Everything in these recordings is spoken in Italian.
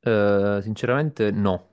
Sinceramente no.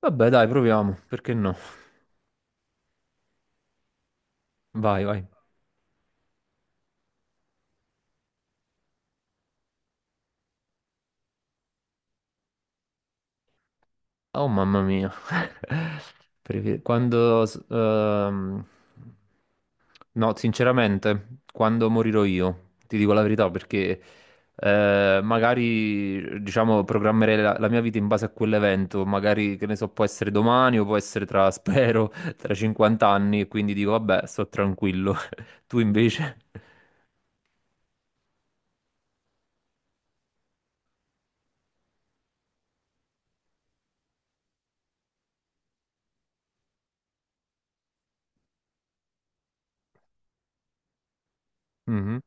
Vabbè, dai, proviamo. Perché no? Vai, vai. Oh, mamma mia. Perché Quando... s- ehm, No, sinceramente, quando morirò io, ti dico la verità, perché magari, diciamo, programmerei la mia vita in base a quell'evento, magari, che ne so, può essere domani o può essere tra, spero, tra 50 anni, e quindi dico, vabbè, sto tranquillo. Tu invece? Mhm.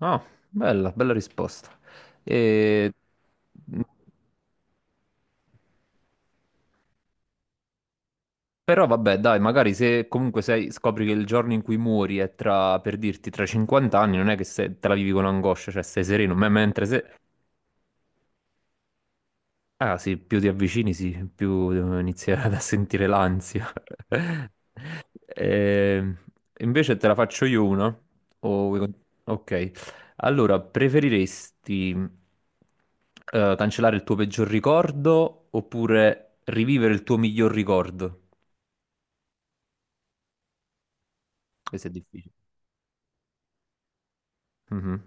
Ah, bella, bella risposta. E... Però vabbè, dai, magari se comunque scopri che il giorno in cui muori è tra, per dirti, tra 50 anni, non è che te la vivi con angoscia, cioè sei sereno, mentre se. Ah sì, più ti avvicini, sì, più inizi a sentire l'ansia. Eh, invece te la faccio io una. O vuoi con- Ok. Allora, preferiresti cancellare il tuo peggior ricordo oppure rivivere il tuo miglior ricordo? Questo è difficile. Mhm.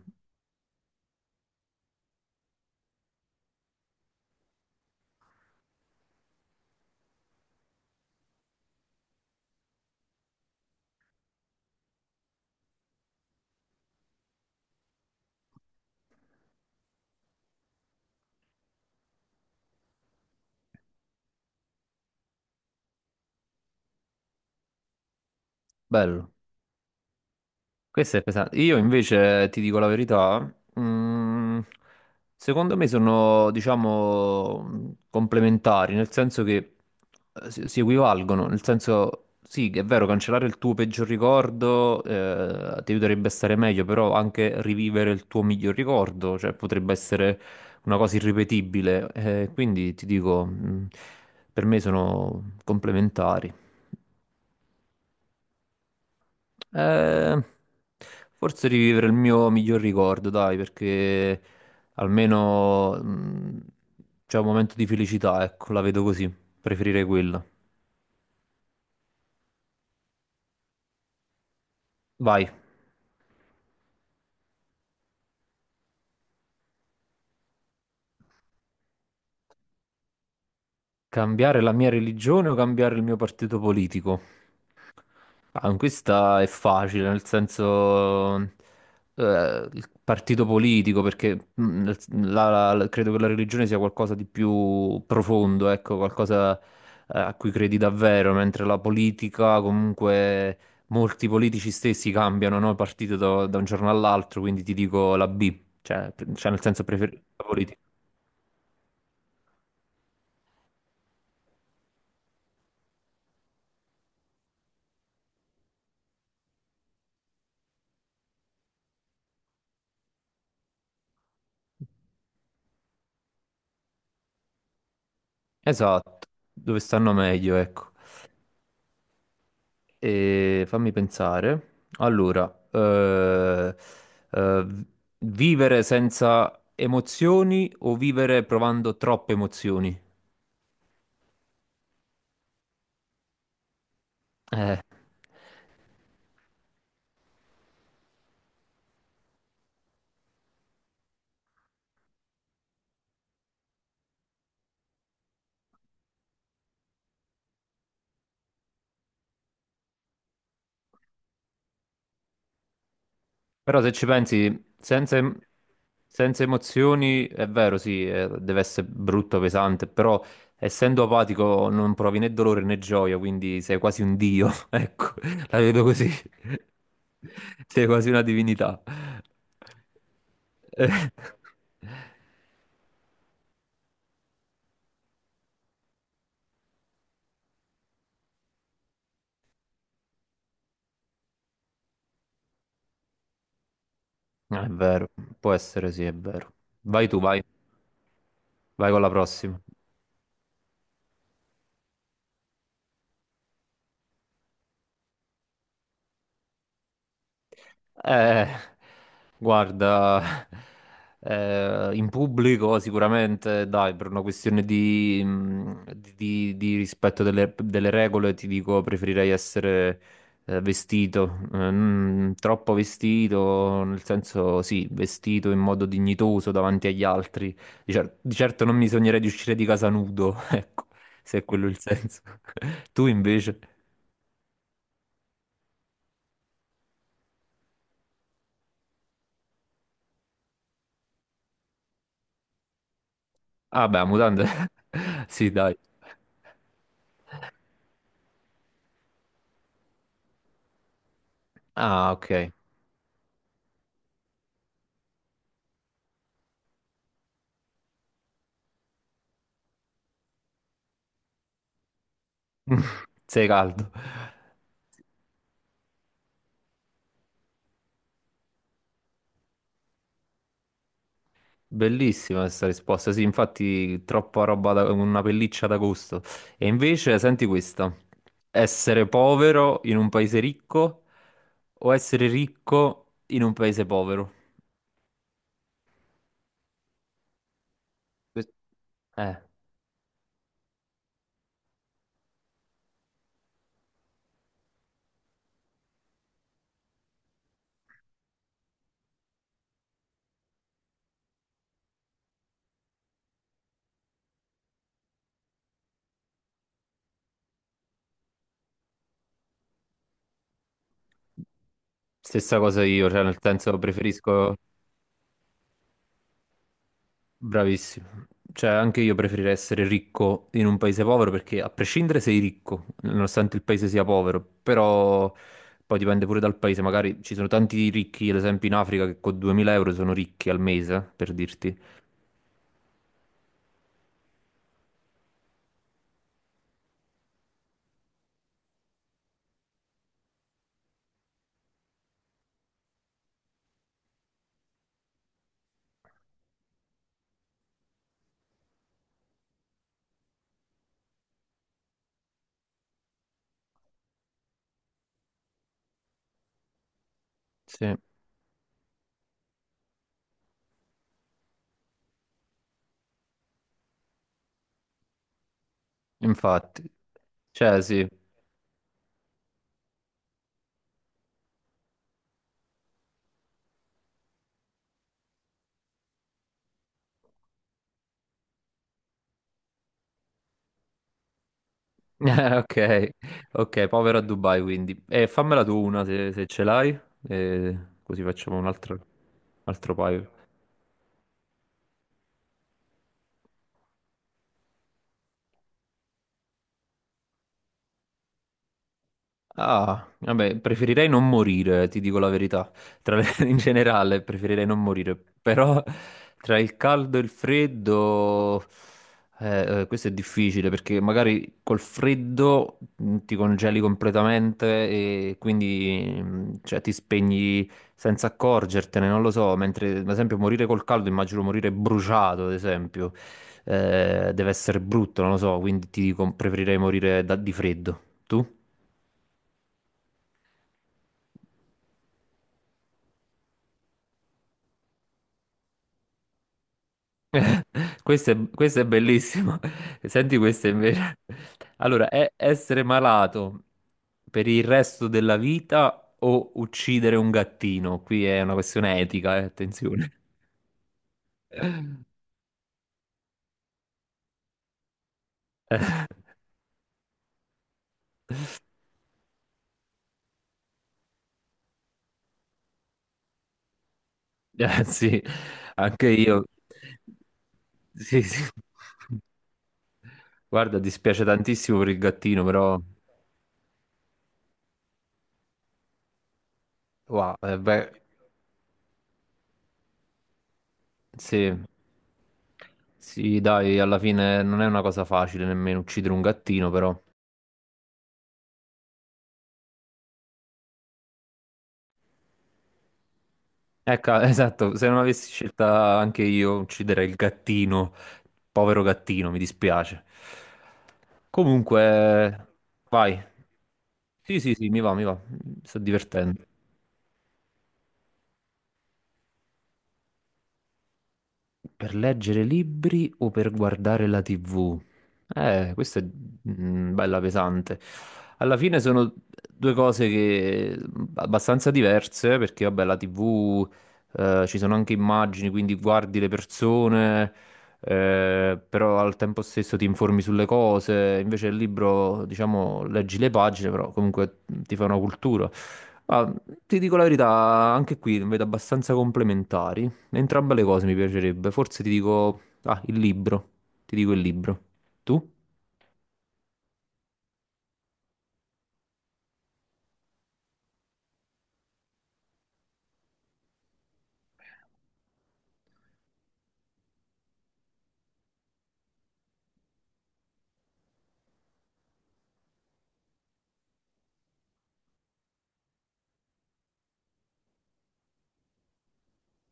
Bello. Questo è pesante. Io invece ti dico la verità, mm, secondo me sono, diciamo, complementari, nel senso che si equivalgono, nel senso, sì, che è vero, cancellare il tuo peggior ricordo ti aiuterebbe a stare meglio, però anche rivivere il tuo miglior ricordo, cioè potrebbe essere una cosa irripetibile, quindi ti dico, per me sono complementari. Eh, forse rivivere il mio miglior ricordo, dai, perché almeno c'è un momento di felicità, ecco, la vedo così, preferirei quello. Vai, cambiare la mia religione o cambiare il mio partito politico? Ah, questa è facile, nel senso, il partito politico, perché mm, nel- credo che la religione sia qualcosa di più profondo, ecco, qualcosa, a cui credi davvero, mentre la politica, comunque, molti politici stessi cambiano, no, partito da un giorno all'altro, quindi ti dico la B, cioè nel senso preferisco la politica. Esatto, dove stanno meglio, ecco. E fammi pensare. Allora, eh, vivere senza emozioni o vivere provando troppe emozioni? Eh, però se ci pensi, senza emozioni è vero, sì, deve essere brutto, pesante, però essendo apatico non provi né dolore né gioia, quindi sei quasi un dio, ecco, la vedo così. Sei quasi una divinità. Eh. È vero, può essere sì, è vero. Vai tu, vai, vai con la prossima. Eh, guarda, in pubblico sicuramente, dai, per una questione di rispetto delle regole, ti dico, preferirei essere vestito, non troppo vestito, nel senso, sì, vestito in modo dignitoso davanti agli altri. Di certo non mi sognerei di uscire di casa nudo, ecco, se è quello il senso. Tu invece? Ah, beh, mutande. Sì, dai. Ah, ok. Sei caldo. Bellissima questa risposta. Sì, infatti, troppa roba da una pelliccia d'agosto. E invece, senti questa: essere povero in un paese ricco o essere ricco in un paese povero? Que- Eh, stessa cosa io, cioè, nel senso, preferisco. Bravissimo. Cioè, anche io preferirei essere ricco in un paese povero perché a prescindere sei ricco, nonostante il paese sia povero, però poi dipende pure dal paese, magari ci sono tanti ricchi, ad esempio in Africa, che con 2000 euro sono ricchi al mese, per dirti. Sì, infatti. Cioè, sì. Ok, ok, povero a Dubai quindi. E fammela tu una se ce l'hai, e così facciamo un altro paio. Ah, vabbè, preferirei non morire, ti dico la verità. In generale, preferirei non morire. Però tra il caldo e il freddo, questo è difficile perché magari col freddo ti congeli completamente e quindi cioè, ti spegni senza accorgertene, non lo so. Mentre, ad esempio, morire col caldo, immagino morire bruciato, ad esempio, deve essere brutto, non lo so. Quindi ti dico, preferirei morire di freddo. Tu? Questo è bellissimo. Senti questo invece. Allora, è essere malato per il resto della vita o uccidere un gattino? Qui è una questione etica, attenzione. Sì, anche io. Sì, sì. Guarda, dispiace tantissimo per il gattino, però. Wow, beh, sì. Sì, dai, alla fine non è una cosa facile nemmeno uccidere un gattino, però. Ecco, esatto, se non avessi scelta anche io ucciderei il gattino, povero gattino, mi dispiace. Comunque, vai. Sì, sì, sì, mi va, mi va, mi sto divertendo. Per leggere libri o per guardare la TV? Questa è bella pesante. Alla fine sono due cose che abbastanza diverse, perché vabbè, la TV ci sono anche immagini, quindi guardi le persone, però al tempo stesso ti informi sulle cose. Invece il libro, diciamo, leggi le pagine, però comunque ti fa una cultura. Ma ti dico la verità, anche qui vedo abbastanza complementari. Entrambe le cose mi piacerebbe. Forse ti dico, il libro. Ti dico il libro. Tu?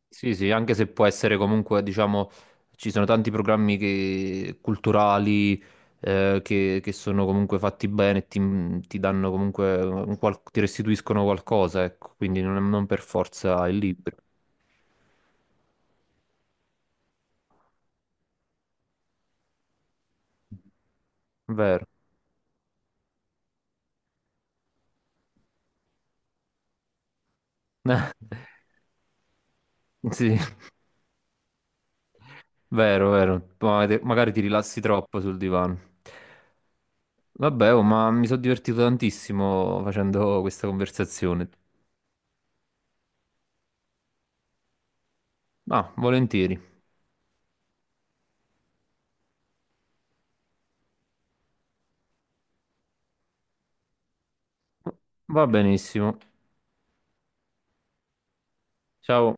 Sì, sì, anche se può essere comunque, diciamo, ci sono tanti programmi culturali che sono comunque fatti bene e ti danno comunque, ti restituiscono qualcosa, ecco, quindi non per forza il libro. Vero. Sì. Vero, vero. Magari ti rilassi troppo sul divano. Vabbè, oh, ma mi sono divertito tantissimo facendo questa conversazione. Ah, volentieri. Va benissimo. Ciao.